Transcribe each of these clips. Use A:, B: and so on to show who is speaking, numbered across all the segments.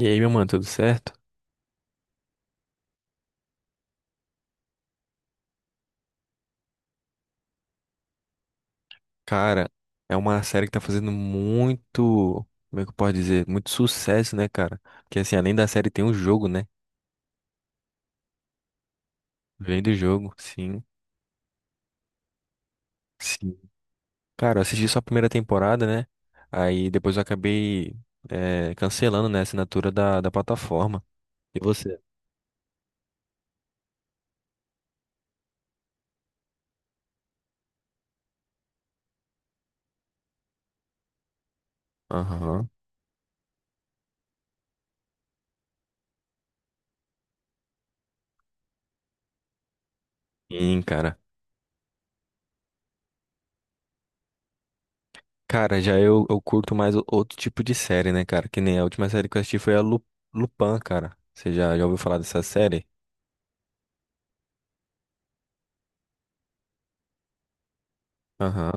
A: E aí, meu mano, tudo certo? Cara, é uma série que tá fazendo muito, como é que eu posso dizer? Muito sucesso, né, cara? Porque assim, além da série tem o jogo, né? Vem do jogo, sim, sim. Cara, eu assisti só a primeira temporada, né? Aí depois eu acabei cancelando, né, a assinatura da plataforma. E você? Aham. Sim, cara. Cara, já eu curto mais outro tipo de série, né, cara? Que nem a última série que eu assisti foi a Lupin, cara. Você já ouviu falar dessa série? Aham.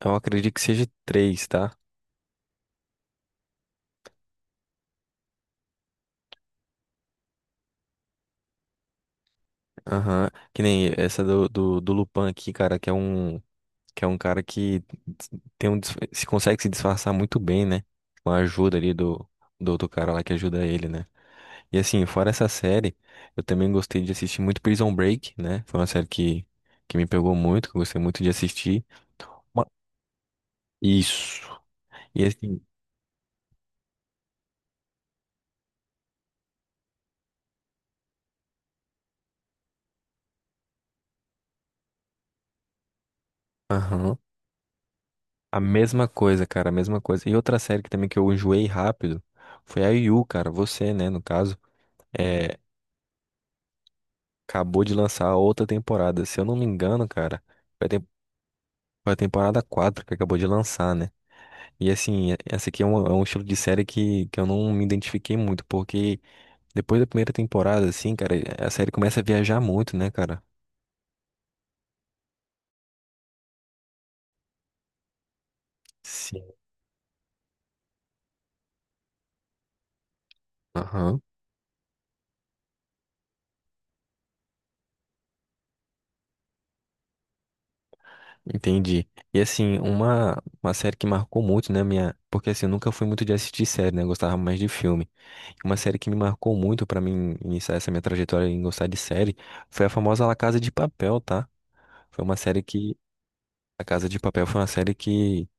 A: Eu acredito que seja três, tá? Aham. Que nem essa do Lupin aqui, cara, que é um cara que se consegue se disfarçar muito bem, né? Com a ajuda ali do outro cara lá que ajuda ele, né? E assim, fora essa série, eu também gostei de assistir muito Prison Break, né? Foi uma série que me pegou muito, que eu gostei muito de assistir. Ma- Isso. E assim, aham. A mesma coisa, cara, a mesma coisa. E outra série que também que eu enjoei rápido foi a Yu, cara, você, né, no caso. É, acabou de lançar a outra temporada. Se eu não me engano, cara, foi a, tem- foi a temporada 4 que acabou de lançar, né? E assim, essa aqui é um estilo de série que eu não me identifiquei muito, porque depois da primeira temporada, assim, cara, a série começa a viajar muito, né, cara? Sim. Aham, entendi. E assim, uma série que marcou muito, né, minha. Porque assim, eu nunca fui muito de assistir série, né? Eu gostava mais de filme. Uma série que me marcou muito pra mim iniciar essa minha trajetória em gostar de série foi a famosa La Casa de Papel, tá? Foi uma série que. A Casa de Papel foi uma série que,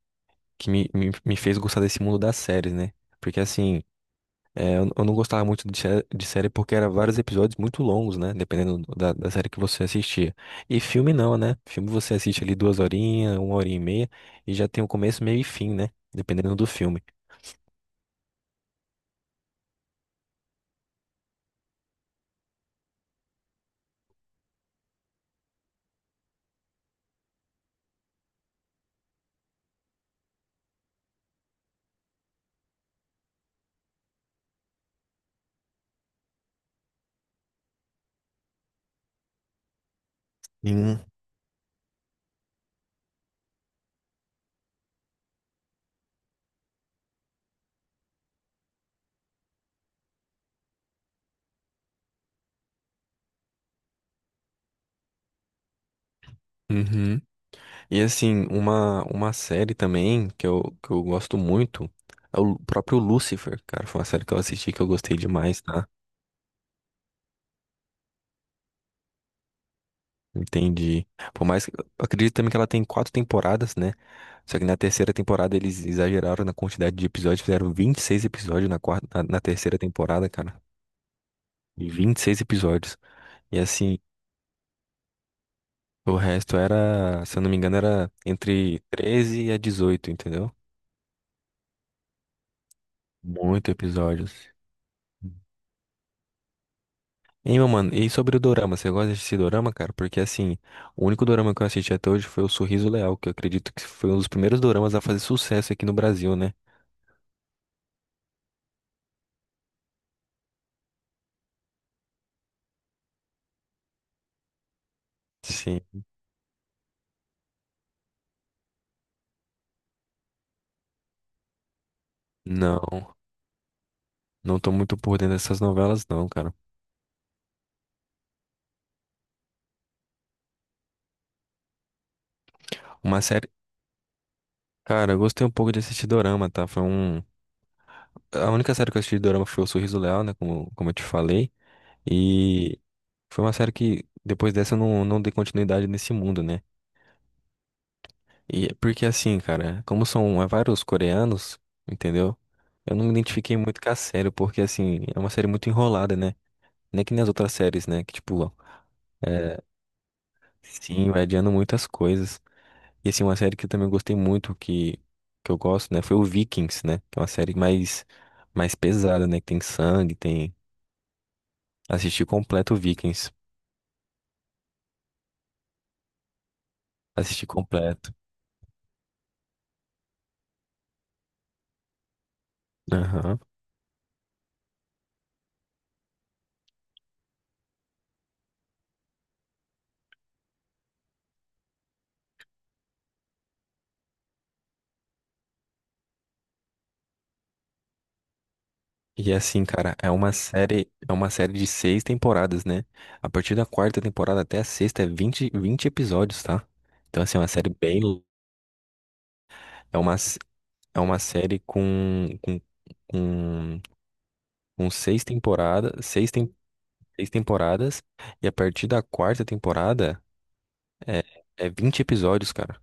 A: que me fez gostar desse mundo das séries, né? Porque assim, eu não gostava muito de série porque era vários episódios muito longos, né? Dependendo da série que você assistia. E filme não, né? Filme você assiste ali duas horinhas, uma hora e meia, e já tem o começo, meio e fim, né? Dependendo do filme. Hum. Uhum. E assim, uma série também que eu gosto muito é o próprio Lucifer, cara. Foi uma série que eu assisti que eu gostei demais, tá? Entendi. Por mais que, eu acredito também que ela tem 4 temporadas, né? Só que na terceira temporada eles exageraram na quantidade de episódios, fizeram 26 episódios na quarta, na terceira temporada, cara. E 26 episódios. E assim, o resto era, se eu não me engano, era entre 13 a 18, entendeu? Muito episódios. Hein, meu mano, e sobre o dorama, você gosta de assistir dorama, cara? Porque assim, o único dorama que eu assisti até hoje foi o Sorriso Leal, que eu acredito que foi um dos primeiros doramas a fazer sucesso aqui no Brasil, né? Sim. Não. Não tô muito por dentro dessas novelas, não, cara. Uma série. Cara, eu gostei um pouco de assistir Dorama, tá? Foi um. A única série que eu assisti de Dorama foi O Sorriso Leal, né? Como eu te falei. E foi uma série que depois dessa eu não dei continuidade nesse mundo, né? E é porque assim, cara, como são vários coreanos, entendeu? Eu não me identifiquei muito com a série, porque assim, é uma série muito enrolada, né? Não é que nem as outras séries, né? Que tipo, é, sim, vai adiando muitas coisas. E assim, uma série que eu também gostei muito, que eu gosto, né? Foi o Vikings, né? Que é uma série mais pesada, né? Que tem sangue, tem. Assisti completo o Vikings. Assisti completo. Aham. E assim, cara, é uma série de 6 temporadas, né? A partir da quarta temporada até a sexta é vinte episódios, tá? Então, assim, é uma série bem. É uma, s- é uma série com, com seis temporadas, seis temporadas. E a partir da quarta temporada. É, é 20 episódios, cara.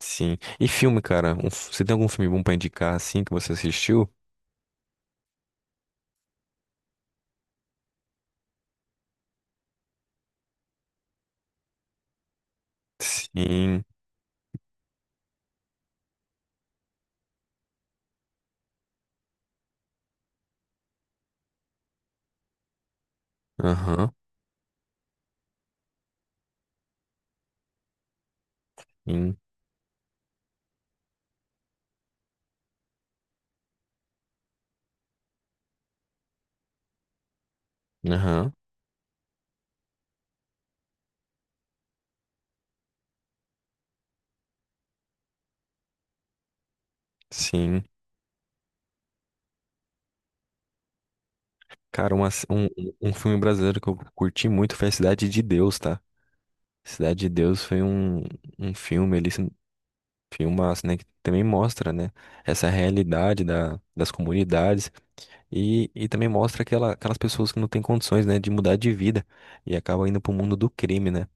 A: Sim. E filme, cara? Você tem algum filme bom pra indicar, assim, que você assistiu? Sim. Aham. Sim. Aham. Sim. Cara, uma s- um, um um filme brasileiro que eu curti muito foi a Cidade de Deus, tá? Cidade de Deus foi um filme, ele se- filmaço, né? Que também mostra, né? Essa realidade das comunidades. E também mostra aquelas pessoas que não têm condições, né? De mudar de vida. E acabam indo pro mundo do crime, né?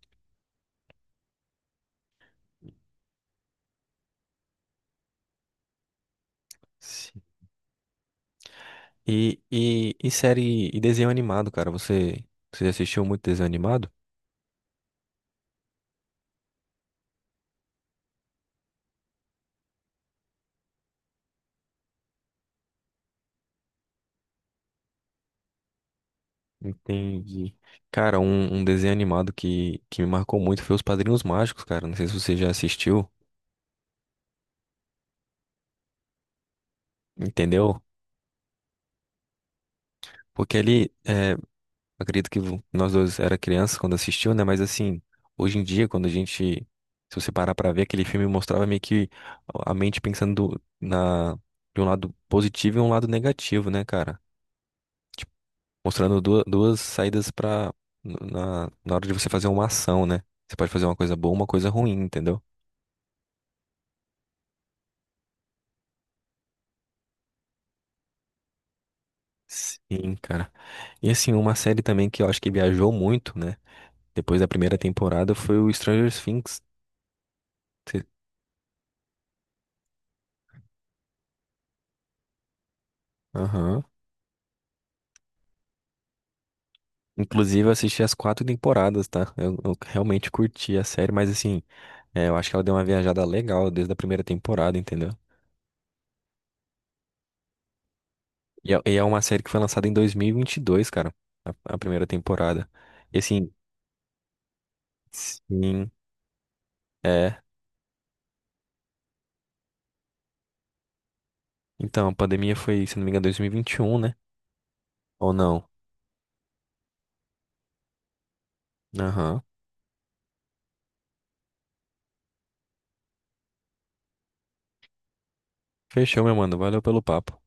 A: E série e desenho animado, cara. Você assistiu muito desenho animado? Entendi. Cara, um desenho animado que me marcou muito foi Os Padrinhos Mágicos, cara. Não sei se você já assistiu, entendeu? Porque acredito que nós dois era criança quando assistiu, né? Mas assim, hoje em dia, quando a gente, se você parar pra ver, aquele filme mostrava meio que a mente pensando na, de um lado positivo e um lado negativo, né, cara? Mostrando duas saídas na hora de você fazer uma ação, né? Você pode fazer uma coisa boa, uma coisa ruim, entendeu? Sim, cara. E assim, uma série também que eu acho que viajou muito, né? Depois da primeira temporada foi o Stranger Things. Você- Aham. Inclusive, eu assisti as 4 temporadas, tá? Eu realmente curti a série, mas assim, eu acho que ela deu uma viajada legal desde a primeira temporada, entendeu? E é uma série que foi lançada em 2022, cara, a primeira temporada. E assim, sim, é. Então, a pandemia foi, se não me engano, 2021, né? Ou não? Aham. Fechou, meu mano. Valeu pelo papo.